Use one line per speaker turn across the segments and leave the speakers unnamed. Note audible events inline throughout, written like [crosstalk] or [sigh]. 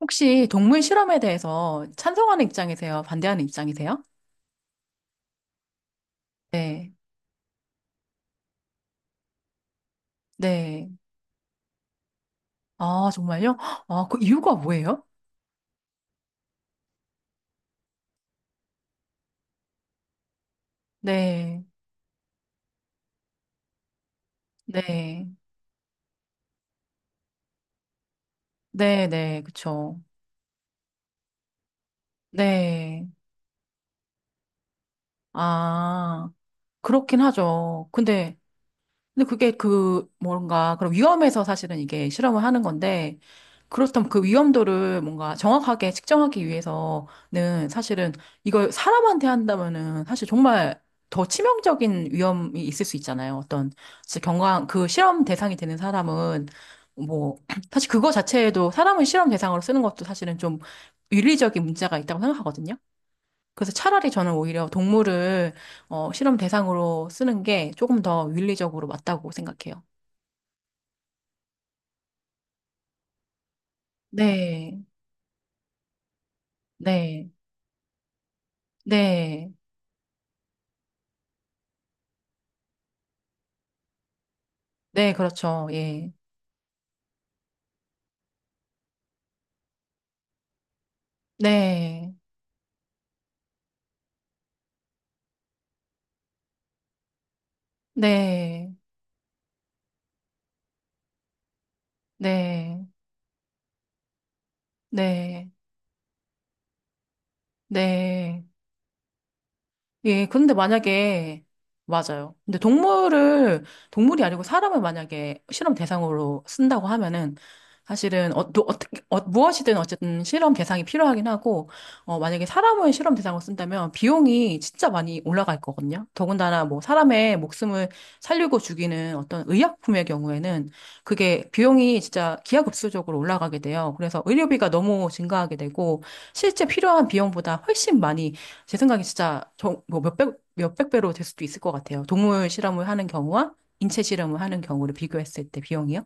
혹시 동물 실험에 대해서 찬성하는 입장이세요? 반대하는 입장이세요? 네. 네. 아, 정말요? 아, 그 이유가 뭐예요? 네. 네. 네, 네. 그쵸. 네. 아, 그렇긴 하죠. 근데, 근데 그게 그 뭔가 그런 위험에서 사실은 이게 실험을 하는 건데, 그렇다면 그 위험도를 뭔가 정확하게 측정하기 위해서는 사실은 이걸 사람한테 한다면은 사실 정말 더 치명적인 위험이 있을 수 있잖아요. 어떤 진짜 경강 그 실험 대상이 되는 사람은 뭐 [clears throat] 사실 그거 자체에도 사람을 실험 대상으로 쓰는 것도 사실은 좀 윤리적인 문제가 있다고 생각하거든요. 그래서 차라리 저는 오히려 동물을 실험 대상으로 쓰는 게 조금 더 윤리적으로 맞다고 생각해요. 네, 네, 네, 네, 그렇죠. 예. 네, 네, 네, 네, 네. 예, 근데 만약에, 맞아요. 근데 동물을, 동물이 아니고 사람을 만약에 실험 대상으로 쓴다고 하면은, 사실은, 또 어떻게, 무엇이든 어쨌든 실험 대상이 필요하긴 하고, 만약에 사람을 실험 대상으로 쓴다면 비용이 진짜 많이 올라갈 거거든요. 더군다나 뭐 사람의 목숨을 살리고 죽이는 어떤 의약품의 경우에는 그게 비용이 진짜 기하급수적으로 올라가게 돼요. 그래서 의료비가 너무 증가하게 되고, 실제 필요한 비용보다 훨씬 많이 제 생각에 진짜 뭐 몇백 배로 될 수도 있을 것 같아요. 동물 실험을 하는 경우와 인체 실험을 하는 경우를 비교했을 때 비용이요.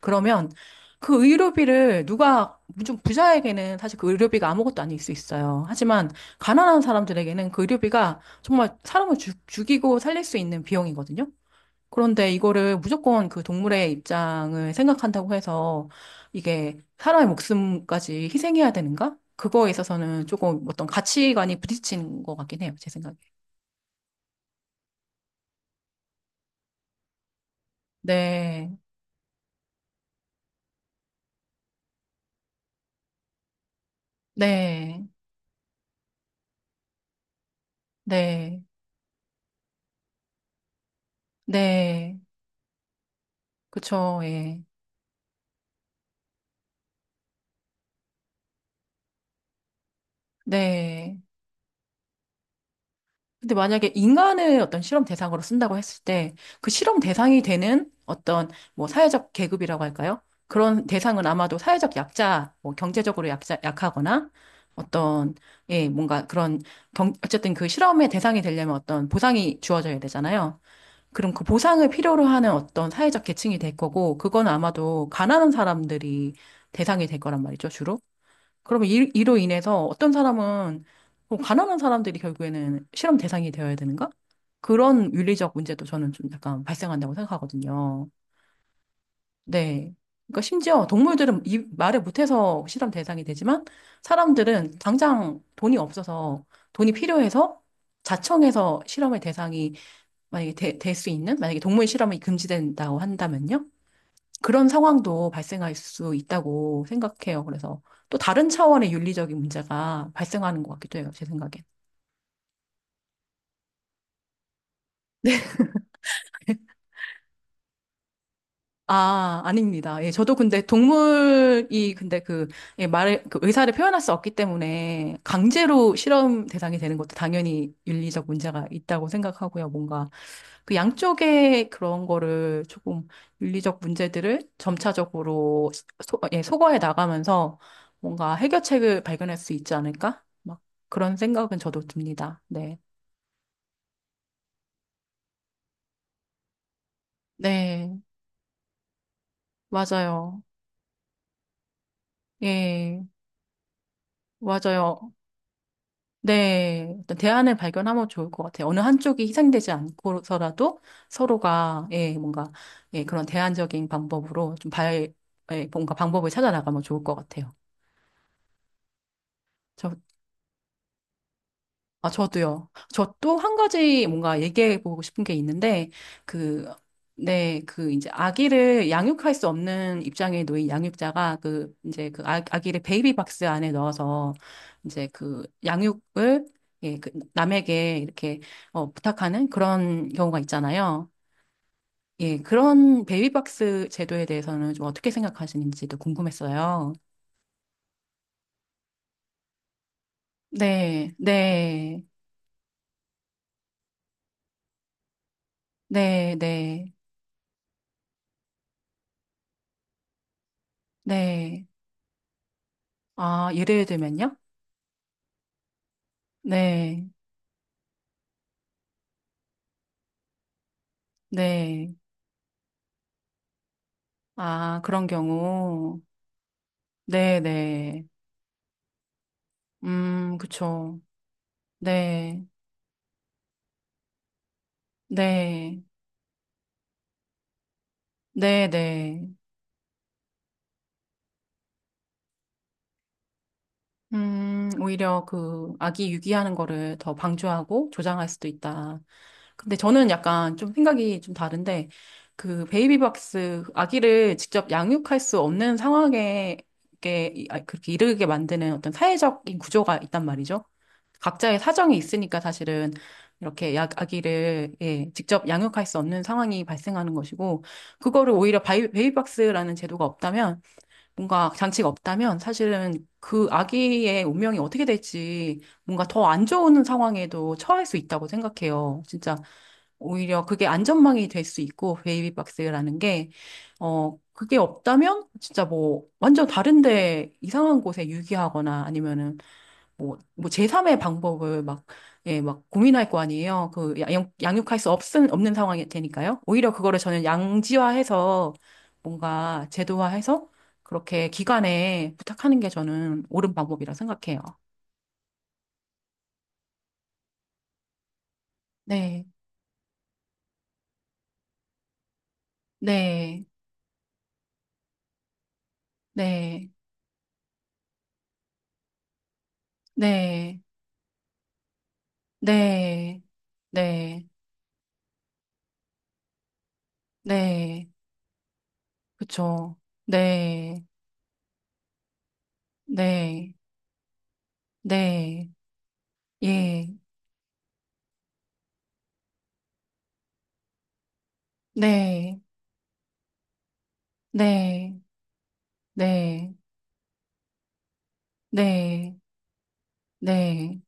그러면 그 의료비를 누가, 좀 부자에게는 사실 그 의료비가 아무것도 아닐 수 있어요. 하지만 가난한 사람들에게는 그 의료비가 정말 사람을 죽, 이고 살릴 수 있는 비용이거든요. 그런데 이거를 무조건 그 동물의 입장을 생각한다고 해서 이게 사람의 목숨까지 희생해야 되는가? 그거에 있어서는 조금 어떤 가치관이 부딪히는 것 같긴 해요, 제 생각에. 네, 네, 네, 네, 그쵸, 예, 네. 근데 만약에 인간을 어떤 실험 대상으로 쓴다고 했을 때 그 실험 대상이 되는 어떤 뭐 사회적 계급이라고 할까요? 그런 대상은 아마도 사회적 약자, 뭐 경제적으로 약자, 약하거나 어떤, 예, 뭔가 그런 경, 어쨌든 그 실험의 대상이 되려면 어떤 보상이 주어져야 되잖아요. 그럼 그 보상을 필요로 하는 어떤 사회적 계층이 될 거고, 그건 아마도 가난한 사람들이 대상이 될 거란 말이죠, 주로. 그러면 이로 인해서 어떤 사람은 그럼 가난한 사람들이 결국에는 실험 대상이 되어야 되는가? 그런 윤리적 문제도 저는 좀 약간 발생한다고 생각하거든요. 네. 그러니까 심지어 동물들은 이 말을 못해서 실험 대상이 되지만 사람들은 당장 돈이 없어서 돈이 필요해서 자청해서 실험의 대상이 만약에 될 수 있는, 만약에 동물 실험이 금지된다고 한다면요. 그런 상황도 발생할 수 있다고 생각해요. 그래서 또 다른 차원의 윤리적인 문제가 발생하는 것 같기도 해요. 제 생각엔. 아, 아닙니다. 예, 저도 근데 동물이 근데 그, 예, 말을, 그 의사를 표현할 수 없기 때문에 강제로 실험 대상이 되는 것도 당연히 윤리적 문제가 있다고 생각하고요. 뭔가 그 양쪽의 그런 거를 조금 윤리적 문제들을 점차적으로 소, 예, 소거해 나가면서 뭔가 해결책을 발견할 수 있지 않을까? 막 그런 생각은 저도 듭니다. 네. 네, 맞아요. 예, 맞아요. 네, 일단 대안을 발견하면 좋을 것 같아요. 어느 한쪽이 희생되지 않고서라도 서로가, 예, 뭔가, 예, 그런 대안적인 방법으로 좀 발, 예, 뭔가 방법을 찾아 나가면 좋을 것 같아요. 저, 아, 저도요. 저 또 한 가지 뭔가 얘기해 보고 싶은 게 있는데, 그, 네, 그 이제 아기를 양육할 수 없는 입장에 놓인 양육자가 그 이제 그 아, 아기를 베이비 박스 안에 넣어서 이제 그 양육을 예, 그 남에게 이렇게 부탁하는 그런 경우가 있잖아요. 예, 그런 베이비 박스 제도에 대해서는 좀 어떻게 생각하시는지도 궁금했어요. 네, 네, 네, 네, 네. 아, 예를 들면요? 네, 네. 아, 그런 경우. 네, 네. 그쵸. 네, 네, 네, 네. 오히려 그 아기 유기하는 거를 더 방조하고 조장할 수도 있다. 근데 저는 약간 좀 생각이 좀 다른데, 그 베이비박스 아기를 직접 양육할 수 없는 상황에 이렇게 아, 그렇게 이르게 만드는 어떤 사회적인 구조가 있단 말이죠. 각자의 사정이 있으니까 사실은 이렇게 약 아기를 예, 직접 양육할 수 없는 상황이 발생하는 것이고, 그거를 오히려 베이비박스라는 제도가 없다면, 뭔가 장치가 없다면 사실은 그 아기의 운명이 어떻게 될지 뭔가 더 안 좋은 상황에도 처할 수 있다고 생각해요. 진짜 오히려 그게 안전망이 될 수 있고 베이비박스라는 게 그게 없다면 진짜 뭐 완전 다른데 이상한 곳에 유기하거나 아니면은 뭐 제3의 방법을 막, 예, 막 고민할 거 아니에요. 그 양, 없는 상황이 되니까요. 오히려 그거를 저는 양지화해서 뭔가 제도화해서 그렇게 기관에 부탁하는 게 저는 옳은 방법이라 생각해요. 네, 네, 네, 네, 네, 네. 네, 그쵸. 네, 네, 네, 예, 네, 네, 네, 네, 네,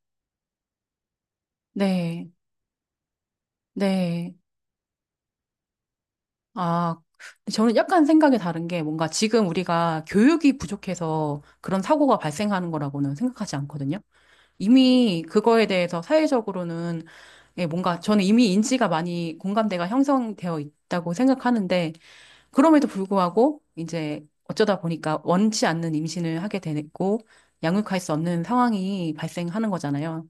네, 네. 아, 저는 약간 생각이 다른 게 뭔가 지금 우리가 교육이 부족해서 그런 사고가 발생하는 거라고는 생각하지 않거든요. 이미 그거에 대해서 사회적으로는 예, 뭔가 저는 이미 인지가 많이 공감대가 형성되어 있다고 생각하는데 그럼에도 불구하고 이제 어쩌다 보니까 원치 않는 임신을 하게 됐고 양육할 수 없는 상황이 발생하는 거잖아요.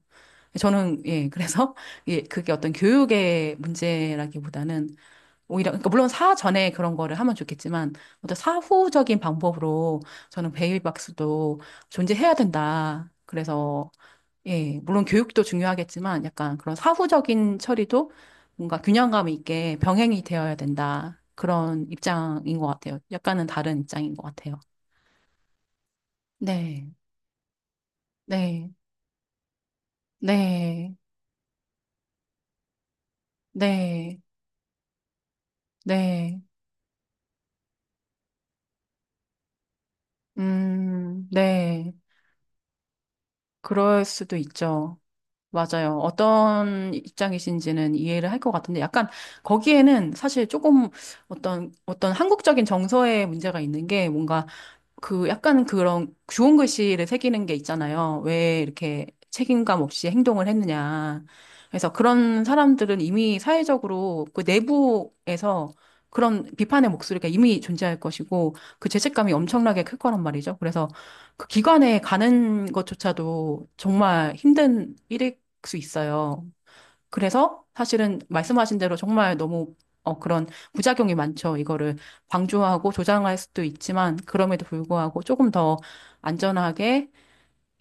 저는 예 그래서 [laughs] 예 그게 어떤 교육의 문제라기보다는 오히려 그러니까 물론 사전에 그런 거를 하면 좋겠지만 어떤 사후적인 방법으로 저는 베이비박스도 존재해야 된다. 그래서 예, 물론 교육도 중요하겠지만 약간 그런 사후적인 처리도 뭔가 균형감 있게 병행이 되어야 된다. 그런 입장인 것 같아요. 약간은 다른 입장인 것 같아요. 네, 네, 네, 네, 네, 네. 그럴 수도 있죠. 맞아요. 어떤 입장이신지는 이해를 할 것 같은데 약간 거기에는 사실 조금 어떤, 어떤 한국적인 정서의 문제가 있는 게 뭔가 그 약간 그런 주홍 글씨를 새기는 게 있잖아요. 왜 이렇게 책임감 없이 행동을 했느냐. 그래서 그런 사람들은 이미 사회적으로 그 내부에서 그런 비판의 목소리가 이미 존재할 것이고 그 죄책감이 엄청나게 클 거란 말이죠. 그래서 그 기관에 가는 것조차도 정말 힘든 일일 수 있어요. 그래서 사실은 말씀하신 대로 정말 너무 그런 부작용이 많죠. 이거를 방조하고 조장할 수도 있지만 그럼에도 불구하고 조금 더 안전하게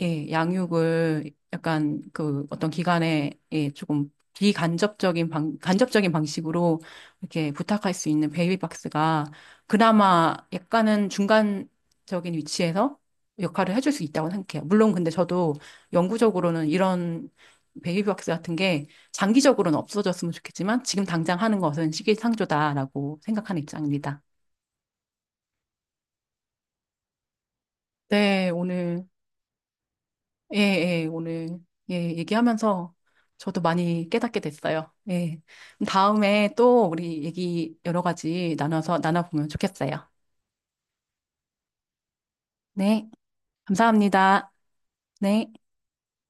예, 양육을 약간 그 어떤 기관에 예, 조금 간접적인 방식으로 이렇게 부탁할 수 있는 베이비박스가 그나마 약간은 중간적인 위치에서 역할을 해줄 수 있다고 생각해요. 물론 근데 저도 영구적으로는 이런 베이비박스 같은 게 장기적으로는 없어졌으면 좋겠지만 지금 당장 하는 것은 시기상조다라고 생각하는 입장입니다. 네, 오늘 예, 예, 오늘, 예, 얘기하면서 저도 많이 깨닫게 됐어요. 예. 다음에 또 우리 얘기 여러 가지 나눠서 나눠보면 좋겠어요. 네. 감사합니다. 네.